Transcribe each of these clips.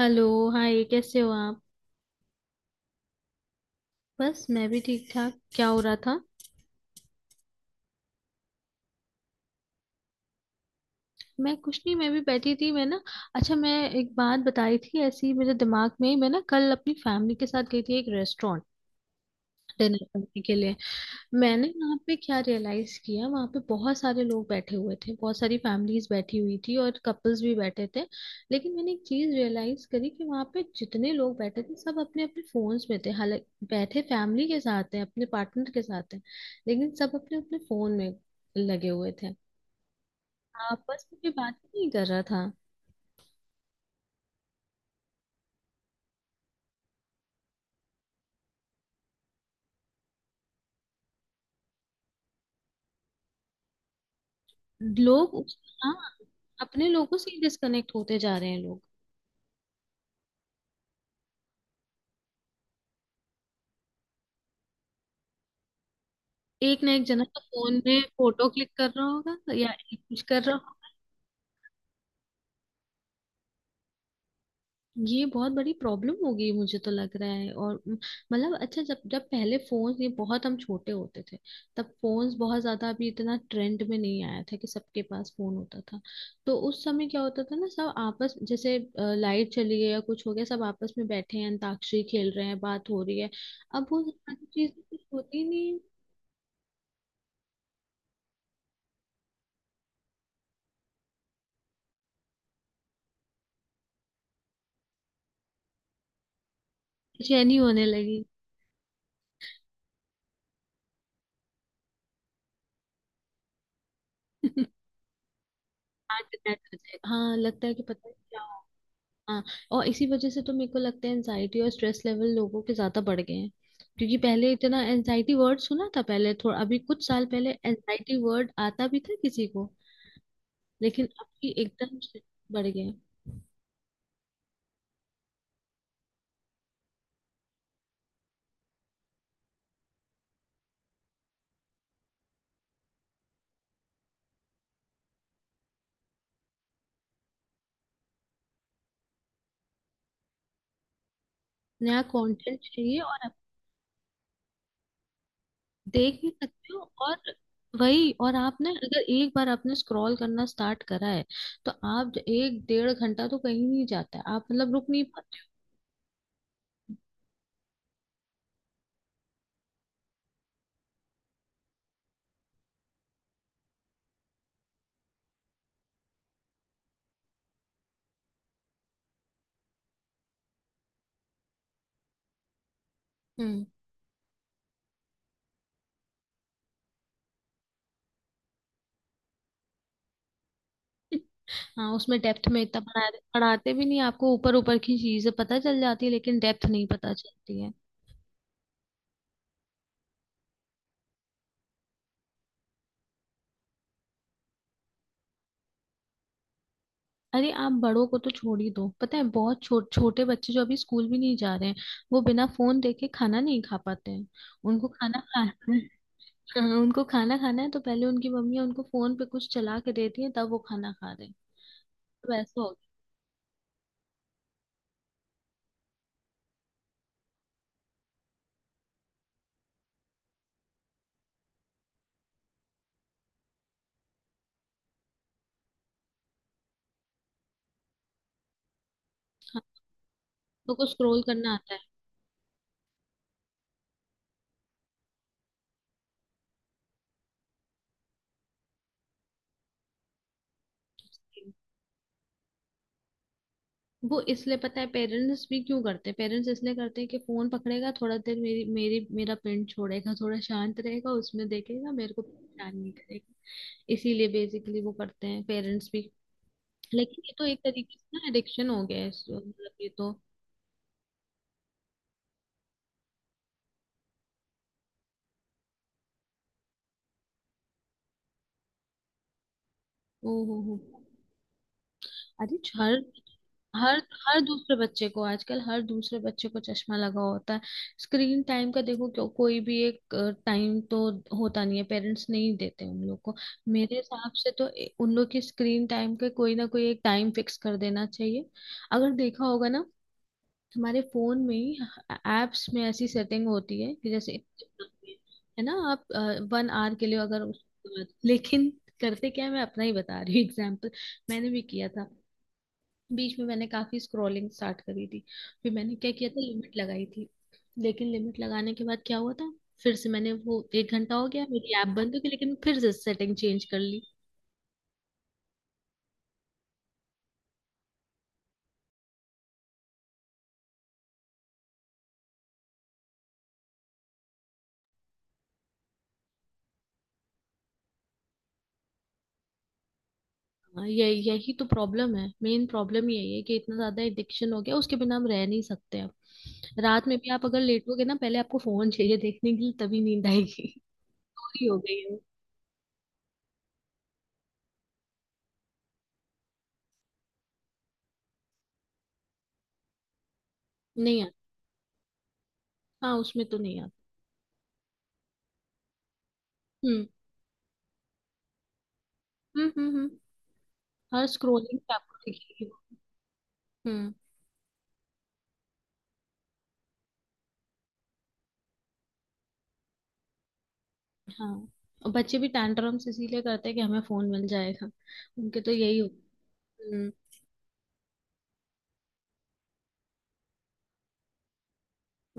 Hello. Hi, कैसे हो आप? बस, मैं भी ठीक ठाक। क्या हो रहा था? मैं कुछ नहीं, मैं भी बैठी थी। मैं ना अच्छा मैं एक बात बताई थी ऐसी मेरे दिमाग में ही। मैं ना कल अपनी फैमिली के साथ गई थी एक रेस्टोरेंट डिनर करने के लिए। मैंने वहां पे क्या रियलाइज किया, वहां पे बहुत सारे लोग बैठे हुए थे, बहुत सारी फैमिलीज बैठी हुई थी और कपल्स भी बैठे थे। लेकिन मैंने एक चीज रियलाइज करी कि वहां पे जितने लोग बैठे थे सब अपने अपने फोन्स में थे। हालांकि बैठे फैमिली के साथ हैं, अपने पार्टनर के साथ हैं, लेकिन सब अपने अपने फोन में लगे हुए थे। आपस में कोई बात ही नहीं कर रहा था। लोग उस, हाँ, अपने लोगों से डिस्कनेक्ट होते जा रहे हैं लोग। एक ना एक जना तो फोन में फोटो क्लिक कर रहा होगा या एक कुछ कर रहा। ये बहुत बड़ी प्रॉब्लम हो गई मुझे तो लग रहा है। मतलब अच्छा जब जब पहले फोन, ये बहुत हम छोटे होते थे तब फोन्स बहुत ज्यादा अभी इतना ट्रेंड में नहीं आया था कि सबके पास फोन होता था। तो उस समय क्या होता था ना, सब आपस जैसे लाइट चली गई या कुछ हो गया सब आपस में बैठे हैं, अंताक्षरी खेल रहे हैं, बात हो रही है। अब वो सारी चीजें कुछ होती ही नहीं है। बेचैनी होने लगी। हार्ट अटैक हो जाएगा। हाँ, लगता है कि पता नहीं क्या। हाँ, और इसी वजह से तो मेरे को लगता है एनजाइटी और स्ट्रेस लेवल लोगों के ज्यादा बढ़ गए हैं। क्योंकि पहले इतना एनजाइटी वर्ड सुना था, पहले थोड़ा अभी कुछ साल पहले एनजाइटी वर्ड आता भी था किसी को, लेकिन अब ये एकदम से बढ़ गए हैं। नया कंटेंट चाहिए और आप देख भी सकते हो। और वही, और आपने अगर एक बार आपने स्क्रॉल करना स्टार्ट करा है तो आप एक डेढ़ घंटा तो कहीं नहीं जाता है, आप मतलब रुक नहीं पाते। हम्म। हाँ, उसमें डेप्थ में इतना पढ़ा, पढ़ाते भी नहीं आपको, ऊपर ऊपर की चीजें पता चल जाती है लेकिन डेप्थ नहीं पता चलती है। अरे आप बड़ों को तो छोड़ ही दो, पता है बहुत छोटे बच्चे जो अभी स्कूल भी नहीं जा रहे हैं वो बिना फोन देखे खाना नहीं खा पाते हैं। उनको खाना खाना हाँ, उनको खाना खाना है तो पहले उनकी मम्मी उनको फोन पे कुछ चला के देती है तब वो खाना खा रहे हैं। तो ऐसा हो गया, तो कुछ स्क्रोल करना आता है। वो इसलिए, पता है पेरेंट्स भी क्यों करते हैं? पेरेंट्स इसलिए करते हैं कि फोन पकड़ेगा थोड़ा देर, मेरी मेरी मेरा पिंड छोड़ेगा, थोड़ा शांत रहेगा, उसमें देखेगा, मेरे को परेशान नहीं करेगा। इसीलिए बेसिकली वो करते हैं पेरेंट्स भी। लेकिन ये तो एक तरीके से ना एडिक्शन हो गया है मतलब ये तो। ओ हो हो। अरे हर हर हर दूसरे बच्चे को आजकल, हर दूसरे बच्चे को चश्मा लगा होता है। स्क्रीन टाइम का देखो, क्यों कोई भी एक टाइम तो होता नहीं है, पेरेंट्स नहीं देते उन लोग को। मेरे हिसाब से तो उन लोग की स्क्रीन टाइम का कोई ना कोई एक टाइम फिक्स कर देना चाहिए। अगर देखा होगा ना, हमारे फोन में ही एप्स में ऐसी सेटिंग होती है कि जैसे, है ना, आप वन आवर के लिए अगर उस, लेकिन करते क्या है, मैं अपना ही बता रही हूँ एग्जाम्पल। मैंने भी किया था, बीच में मैंने काफी स्क्रॉलिंग स्टार्ट करी थी, फिर मैंने क्या किया था लिमिट लगाई थी। लेकिन लिमिट लगाने के बाद क्या हुआ था, फिर से मैंने, वो एक घंटा हो गया, मेरी ऐप बंद हो गई लेकिन फिर से सेटिंग चेंज कर ली। हाँ, ये यही तो प्रॉब्लम है, मेन प्रॉब्लम यही है कि इतना ज्यादा एडिक्शन हो गया उसके बिना हम रह नहीं सकते अब। रात में भी आप अगर लेटोगे ना, पहले आपको फोन चाहिए देखने के लिए तभी नींद आएगी। पूरी हो गई है वो। नहीं आता। हाँ, उसमें तो नहीं आता। हम्म हम्म हम्म हम्म। हर स्क्रोलिंग पे आपको दिखेगी वो। हम्म। हाँ, और बच्चे भी टैंट्रम्स इसीलिए करते हैं कि हमें फोन मिल जाएगा, उनके तो यही हो। हम्म।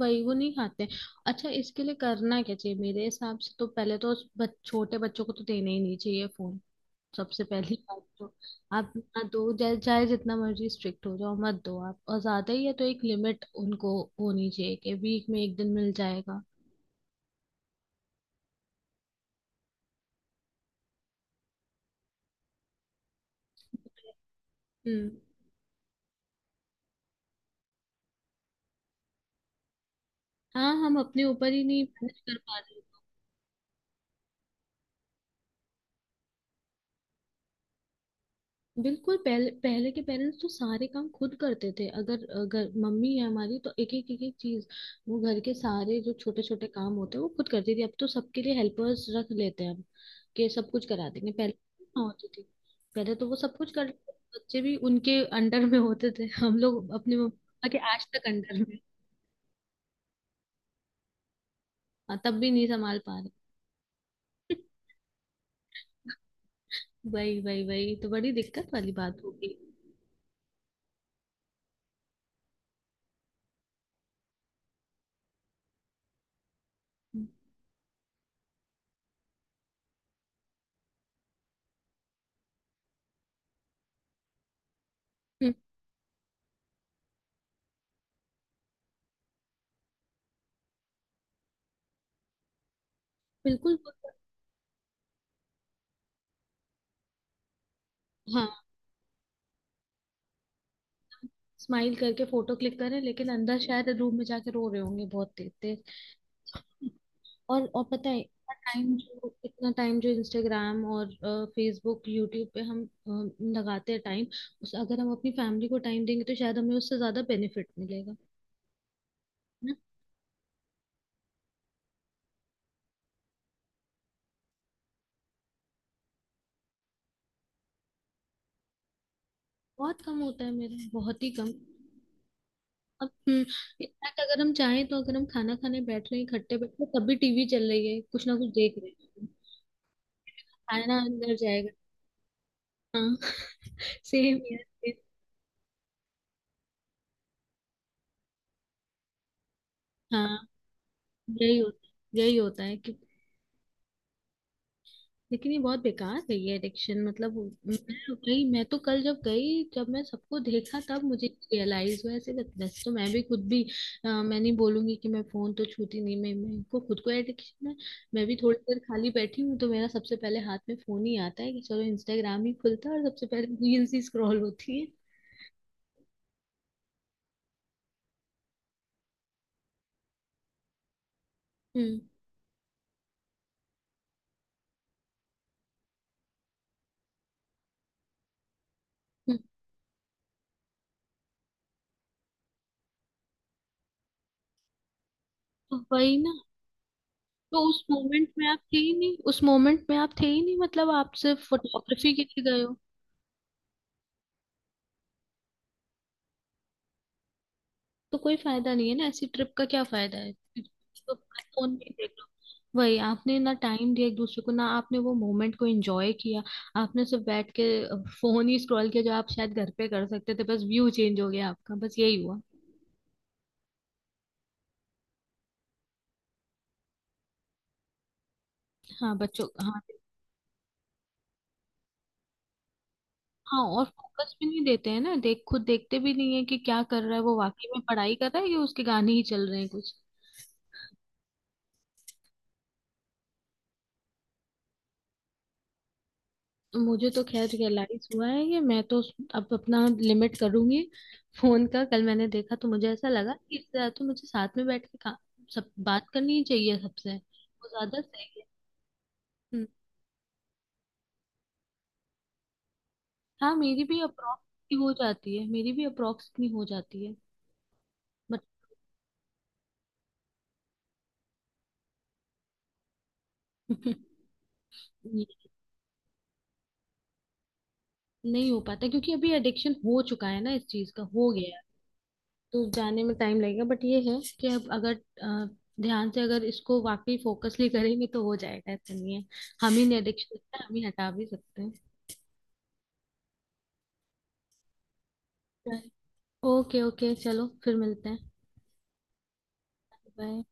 वही, वो नहीं खाते। अच्छा, इसके लिए करना क्या चाहिए मेरे हिसाब से, तो पहले तो उस छोटे बच्चों को तो देना ही नहीं चाहिए फोन, सबसे पहली बात तो। आप ना दो, चाहे चाहे जितना मर्जी स्ट्रिक्ट हो जाओ मत दो आप, और ज्यादा ही है तो एक लिमिट उनको होनी चाहिए कि वीक में एक दिन मिल जाएगा। हम्म। हाँ, हम अपने ऊपर ही नहीं मैनेज कर पाते। बिल्कुल, पहले पहले के पेरेंट्स तो सारे काम खुद करते थे। अगर अगर मम्मी है हमारी तो एक एक चीज, वो घर के सारे जो छोटे छोटे काम होते हैं वो खुद करती थी। अब तो सबके लिए हेल्पर्स रख लेते हैं हम कि सब कुछ करा देंगे, पहले ना होती थी, पहले तो वो सब कुछ कर, बच्चे भी उनके अंडर में होते थे। हम लोग अपने मम्मा के आज तक अंडर में। हाँ, तब भी नहीं संभाल पा रहे। वही वही वही तो बड़ी दिक्कत वाली बात होगी। हम्म, बिल्कुल। हाँ, स्माइल करके फोटो क्लिक करें लेकिन अंदर शायद रूम में जाके रो रहे होंगे बहुत तेज तेज। और पता है, इतना टाइम जो, इतना टाइम जो इंस्टाग्राम और फेसबुक यूट्यूब पे हम लगाते हैं टाइम, उस अगर हम अपनी फैमिली को टाइम देंगे तो शायद हमें उससे ज्यादा बेनिफिट मिलेगा, है ना? बहुत कम होता है मेरा, बहुत ही कम। अब इनफैक्ट अगर हम चाहें, तो अगर हम खाना खाने बैठ रहे हैं इकट्ठे बैठ रहे हैं, तब भी टीवी चल रही है कुछ ना कुछ देख रहे हैं, खाना अंदर जाएगा। हाँ सेम यार same। हाँ, यही होता यही होता है कि, लेकिन ये बहुत बेकार है ये एडिक्शन मतलब। मैं गई मैं तो कल जब गई, जब मैं सबको देखा तब मुझे रियलाइज हुआ ऐसे। वैसे तो मैं भी खुद भी मैं नहीं बोलूंगी कि मैं फोन तो छूती नहीं, मैं, मेरे को खुद को एडिक्शन है। मैं भी थोड़ी देर खाली बैठी हूँ तो मेरा सबसे पहले हाथ में फोन ही आता है कि चलो इंस्टाग्राम ही खुलता है और सबसे पहले रील्स ही स्क्रॉल होती है। हम्म। हम्म, तो वही ना। उस मोमेंट में आप थे ही नहीं, मतलब आप सिर्फ फोटोग्राफी के लिए गए। तो कोई फायदा नहीं है ना, ऐसी ट्रिप का क्या फायदा है? तो फोन में ही देख लो। वही, आपने ना टाइम दिया एक दूसरे को, ना आपने वो मोमेंट को एंजॉय किया, आपने सिर्फ बैठ के फोन ही स्क्रॉल किया जो आप शायद घर पे कर सकते थे। बस व्यू चेंज हो गया आपका, बस यही हुआ। हाँ, बच्चों, हाँ। हाँ, और फोकस भी नहीं देते हैं ना, देख, खुद देखते भी नहीं है कि क्या कर रहा है वो, वाकई में पढ़ाई कर रहा है या उसके गाने ही चल रहे हैं कुछ। मुझे तो खैर रियलाइज हुआ है कि मैं तो अब अपना लिमिट करूंगी फोन का। कल मैंने देखा तो मुझे ऐसा लगा कि इससे ज्यादा तो मुझे साथ में बैठ के सब बात करनी ही चाहिए सबसे, वो ज्यादा सही है। हम्म, हाँ, मेरी भी अप्रोक्स हो जाती है मेरी भी अप्रोक्स इतनी हो जाती है। बट नहीं हो पाता क्योंकि अभी एडिक्शन हो चुका है ना, इस चीज का हो गया है। तो जाने में टाइम लगेगा, बट ये है कि अब अगर अ, ध्यान से अगर इसको वाकई फोकसली करेंगे तो हो जाएगा, ऐसा नहीं है। हम ही नहीं, एडिक्शन है हम ही हटा भी सकते हैं। ओके ओके, चलो फिर मिलते हैं। बाय।